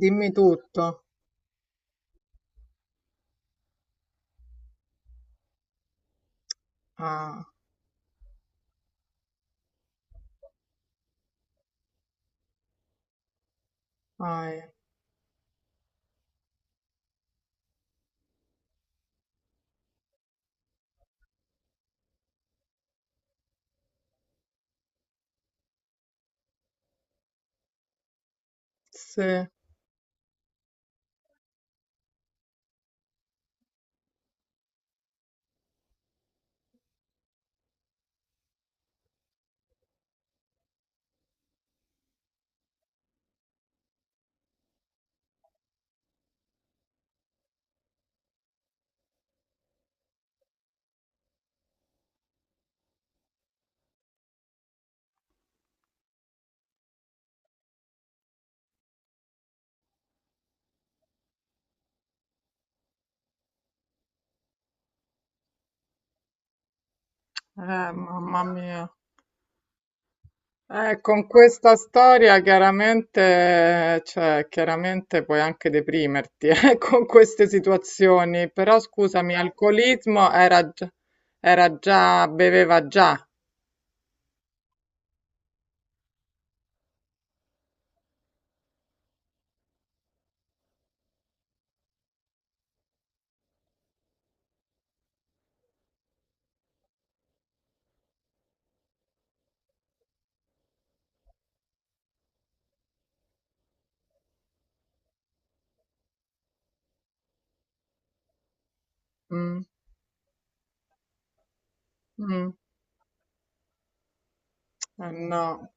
Dimmi tutto. Ah, ah, eh, sì, mamma mia. Con questa storia chiaramente, cioè, chiaramente puoi anche deprimerti, con queste situazioni, però scusami, alcolismo era, era già, beveva già. Mm, mm, no.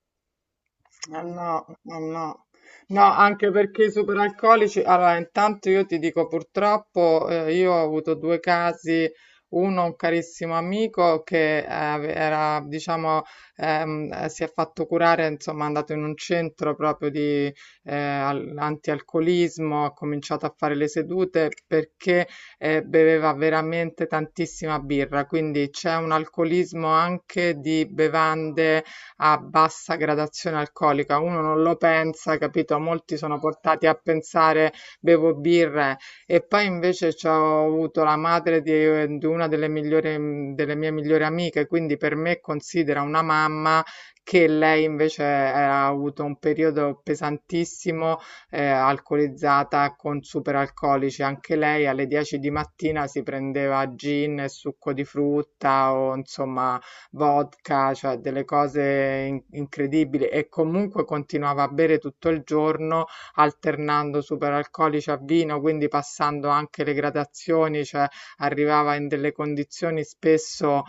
Eh no, eh no. No, anche perché i superalcolici, allora intanto io ti dico purtroppo io ho avuto due casi, uno un carissimo amico che era, diciamo, si è fatto curare, insomma è andato in un centro proprio di antialcolismo, ha cominciato a fare le sedute perché beveva veramente tantissima birra, quindi c'è un alcolismo anche di bevande a bassa gradazione alcolica. Uno non lo pensa, capito? Molti sono portati a pensare bevo birre e poi invece c'ho avuto la madre di una delle migliori, delle mie migliori amiche, quindi per me considera una mamma che lei invece ha avuto un periodo pesantissimo, alcolizzata con superalcolici. Anche lei alle 10 di mattina si prendeva gin e succo di frutta o insomma vodka, cioè delle cose incredibili e comunque continuava a bere tutto il giorno alternando superalcolici a vino, quindi passando anche le gradazioni, cioè arrivava in delle condizioni spesso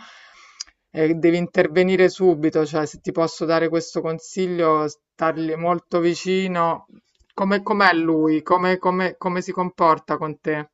devi intervenire subito, cioè se ti posso dare questo consiglio, stargli molto vicino. Come, com'è lui? Come, come, come si comporta con te?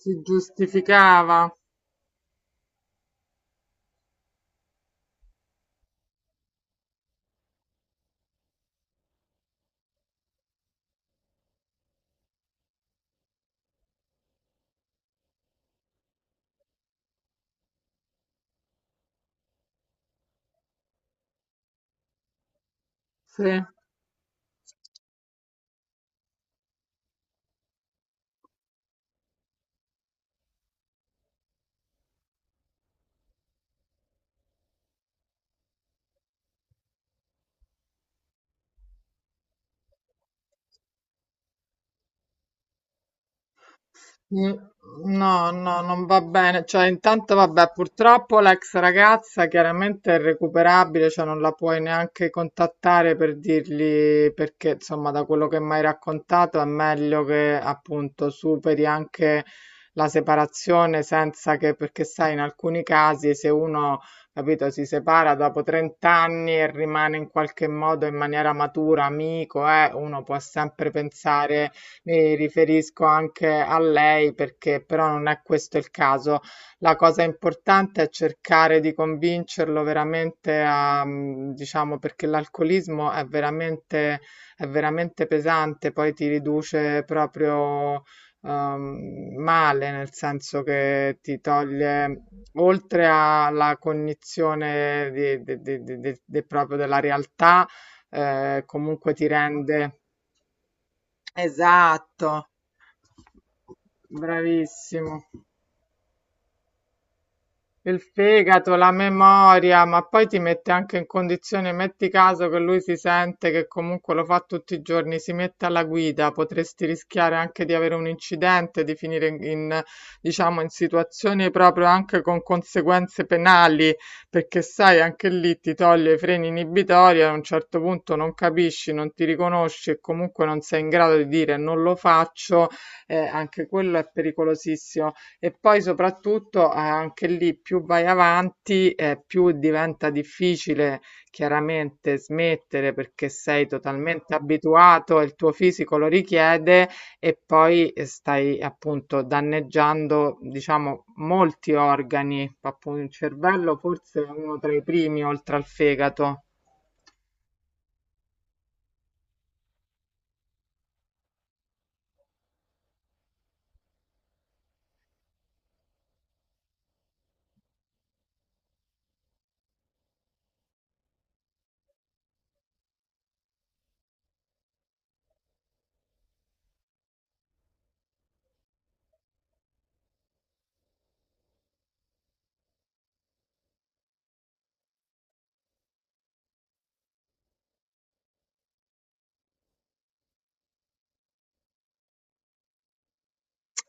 Si giustificava? Sì. Mm, No, no, non va bene. Cioè, intanto, vabbè, purtroppo l'ex ragazza chiaramente è irrecuperabile, cioè non la puoi neanche contattare per dirgli perché, insomma, da quello che mi hai raccontato è meglio che appunto superi anche la separazione senza che, perché sai, in alcuni casi se uno, capito, si separa dopo 30 anni e rimane in qualche modo in maniera matura, amico, uno può sempre pensare mi riferisco anche a lei perché però non è questo il caso. La cosa importante è cercare di convincerlo veramente a, diciamo, perché l'alcolismo è veramente pesante, poi ti riduce proprio male, nel senso che ti toglie, oltre alla cognizione proprio della realtà, comunque ti rende... Esatto. Bravissimo. Il fegato, la memoria, ma poi ti mette anche in condizione, metti caso che lui si sente che comunque lo fa tutti i giorni, si mette alla guida, potresti rischiare anche di avere un incidente, di finire in, in, diciamo, in situazioni proprio anche con conseguenze penali, perché sai, anche lì ti toglie i freni inibitori, a un certo punto non capisci, non ti riconosci e comunque non sei in grado di dire non lo faccio, anche quello è pericolosissimo. E poi soprattutto, anche lì, più vai avanti, più diventa difficile chiaramente smettere perché sei totalmente abituato, il tuo fisico lo richiede e poi stai appunto danneggiando, diciamo, molti organi, appunto il cervello forse è uno tra i primi oltre al fegato.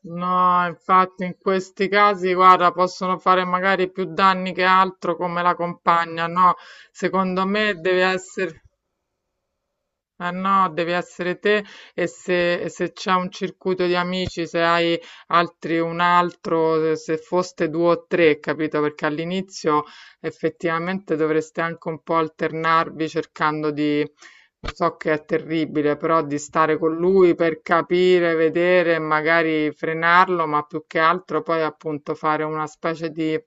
No, infatti in questi casi, guarda, possono fare magari più danni che altro come la compagna, no? Secondo me deve essere... Eh no, devi essere te e se c'è un circuito di amici, se hai altri un altro, se se foste due o tre, capito? Perché all'inizio effettivamente dovreste anche un po' alternarvi cercando di, so che è terribile, però di stare con lui per capire, vedere, magari frenarlo, ma più che altro poi appunto fare una specie di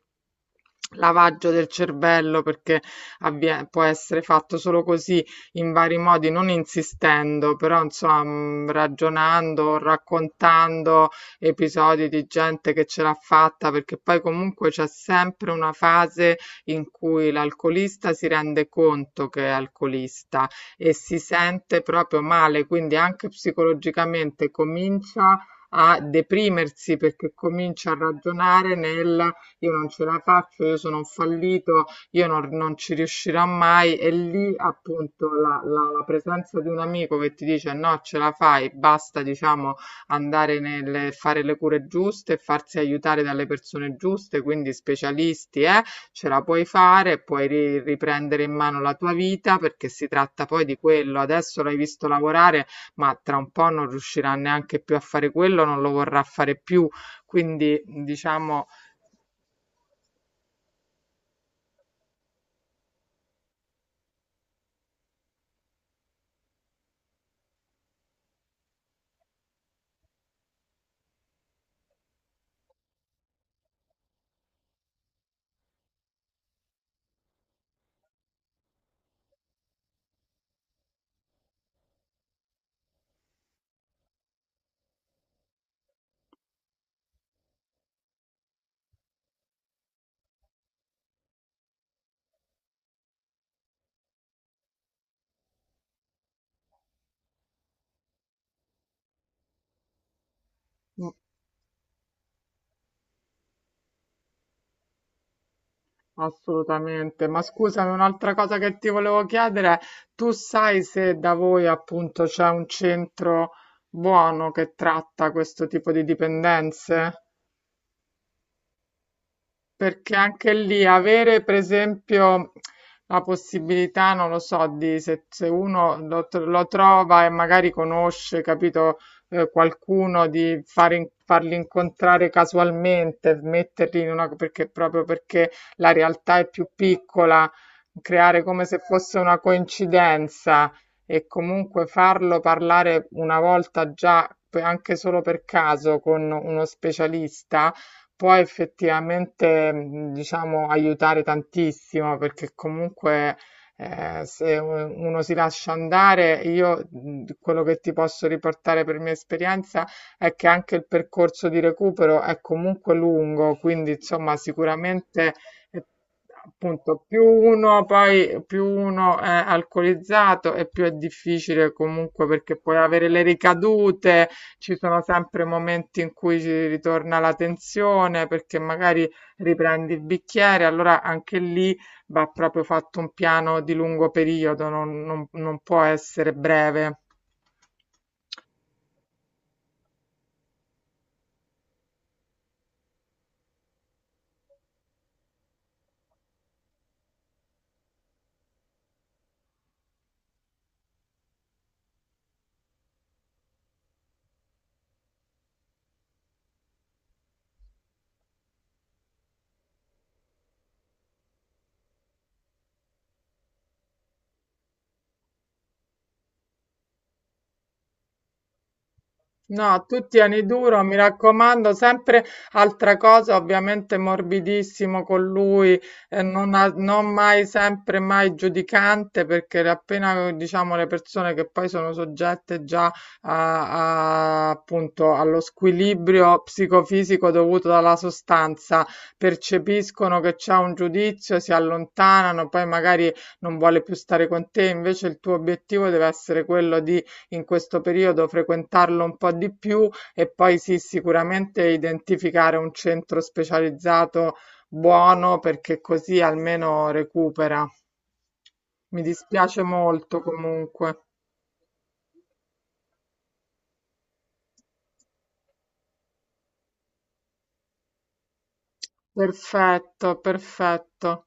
lavaggio del cervello perché può essere fatto solo così in vari modi, non insistendo, però insomma ragionando, raccontando episodi di gente che ce l'ha fatta, perché poi comunque c'è sempre una fase in cui l'alcolista si rende conto che è alcolista e si sente proprio male, quindi anche psicologicamente comincia a deprimersi perché comincia a ragionare nel io non ce la faccio, io sono un fallito, io non, non ci riuscirò mai. E lì appunto la presenza di un amico che ti dice no, ce la fai, basta, diciamo, andare nel fare le cure giuste, farsi aiutare dalle persone giuste, quindi specialisti, ce la puoi fare, puoi riprendere in mano la tua vita perché si tratta poi di quello. Adesso l'hai visto lavorare, ma tra un po' non riuscirà neanche più a fare quello, non lo vorrà fare più. Quindi, diciamo, assolutamente, ma scusami, un'altra cosa che ti volevo chiedere, tu sai se da voi appunto c'è un centro buono che tratta questo tipo di dipendenze? Perché anche lì avere per esempio la possibilità, non lo so, di se, se uno lo, lo trova e magari conosce, capito, qualcuno di far farli incontrare casualmente, metterli in una, perché proprio perché la realtà è più piccola, creare come se fosse una coincidenza e comunque farlo parlare una volta già, anche solo per caso, con uno specialista può effettivamente, diciamo, aiutare tantissimo perché comunque se u- uno si lascia andare, io quello che ti posso riportare per mia esperienza è che anche il percorso di recupero è comunque lungo, quindi insomma sicuramente eh, appunto più uno è alcolizzato e più è difficile comunque perché puoi avere le ricadute ci sono sempre momenti in cui ci ritorna la tensione perché magari riprendi il bicchiere, allora anche lì va proprio fatto un piano di lungo periodo, non, non può essere breve. No, tu tieni duro, mi raccomando, sempre altra cosa, ovviamente morbidissimo con lui, non mai sempre mai giudicante, perché appena diciamo le persone che poi sono soggette già appunto allo squilibrio psicofisico dovuto dalla sostanza, percepiscono che c'è un giudizio, si allontanano, poi magari non vuole più stare con te, invece il tuo obiettivo deve essere quello di in questo periodo frequentarlo un po' di più e poi sì, sicuramente identificare un centro specializzato buono perché così almeno recupera. Mi dispiace molto comunque. Perfetto, perfetto.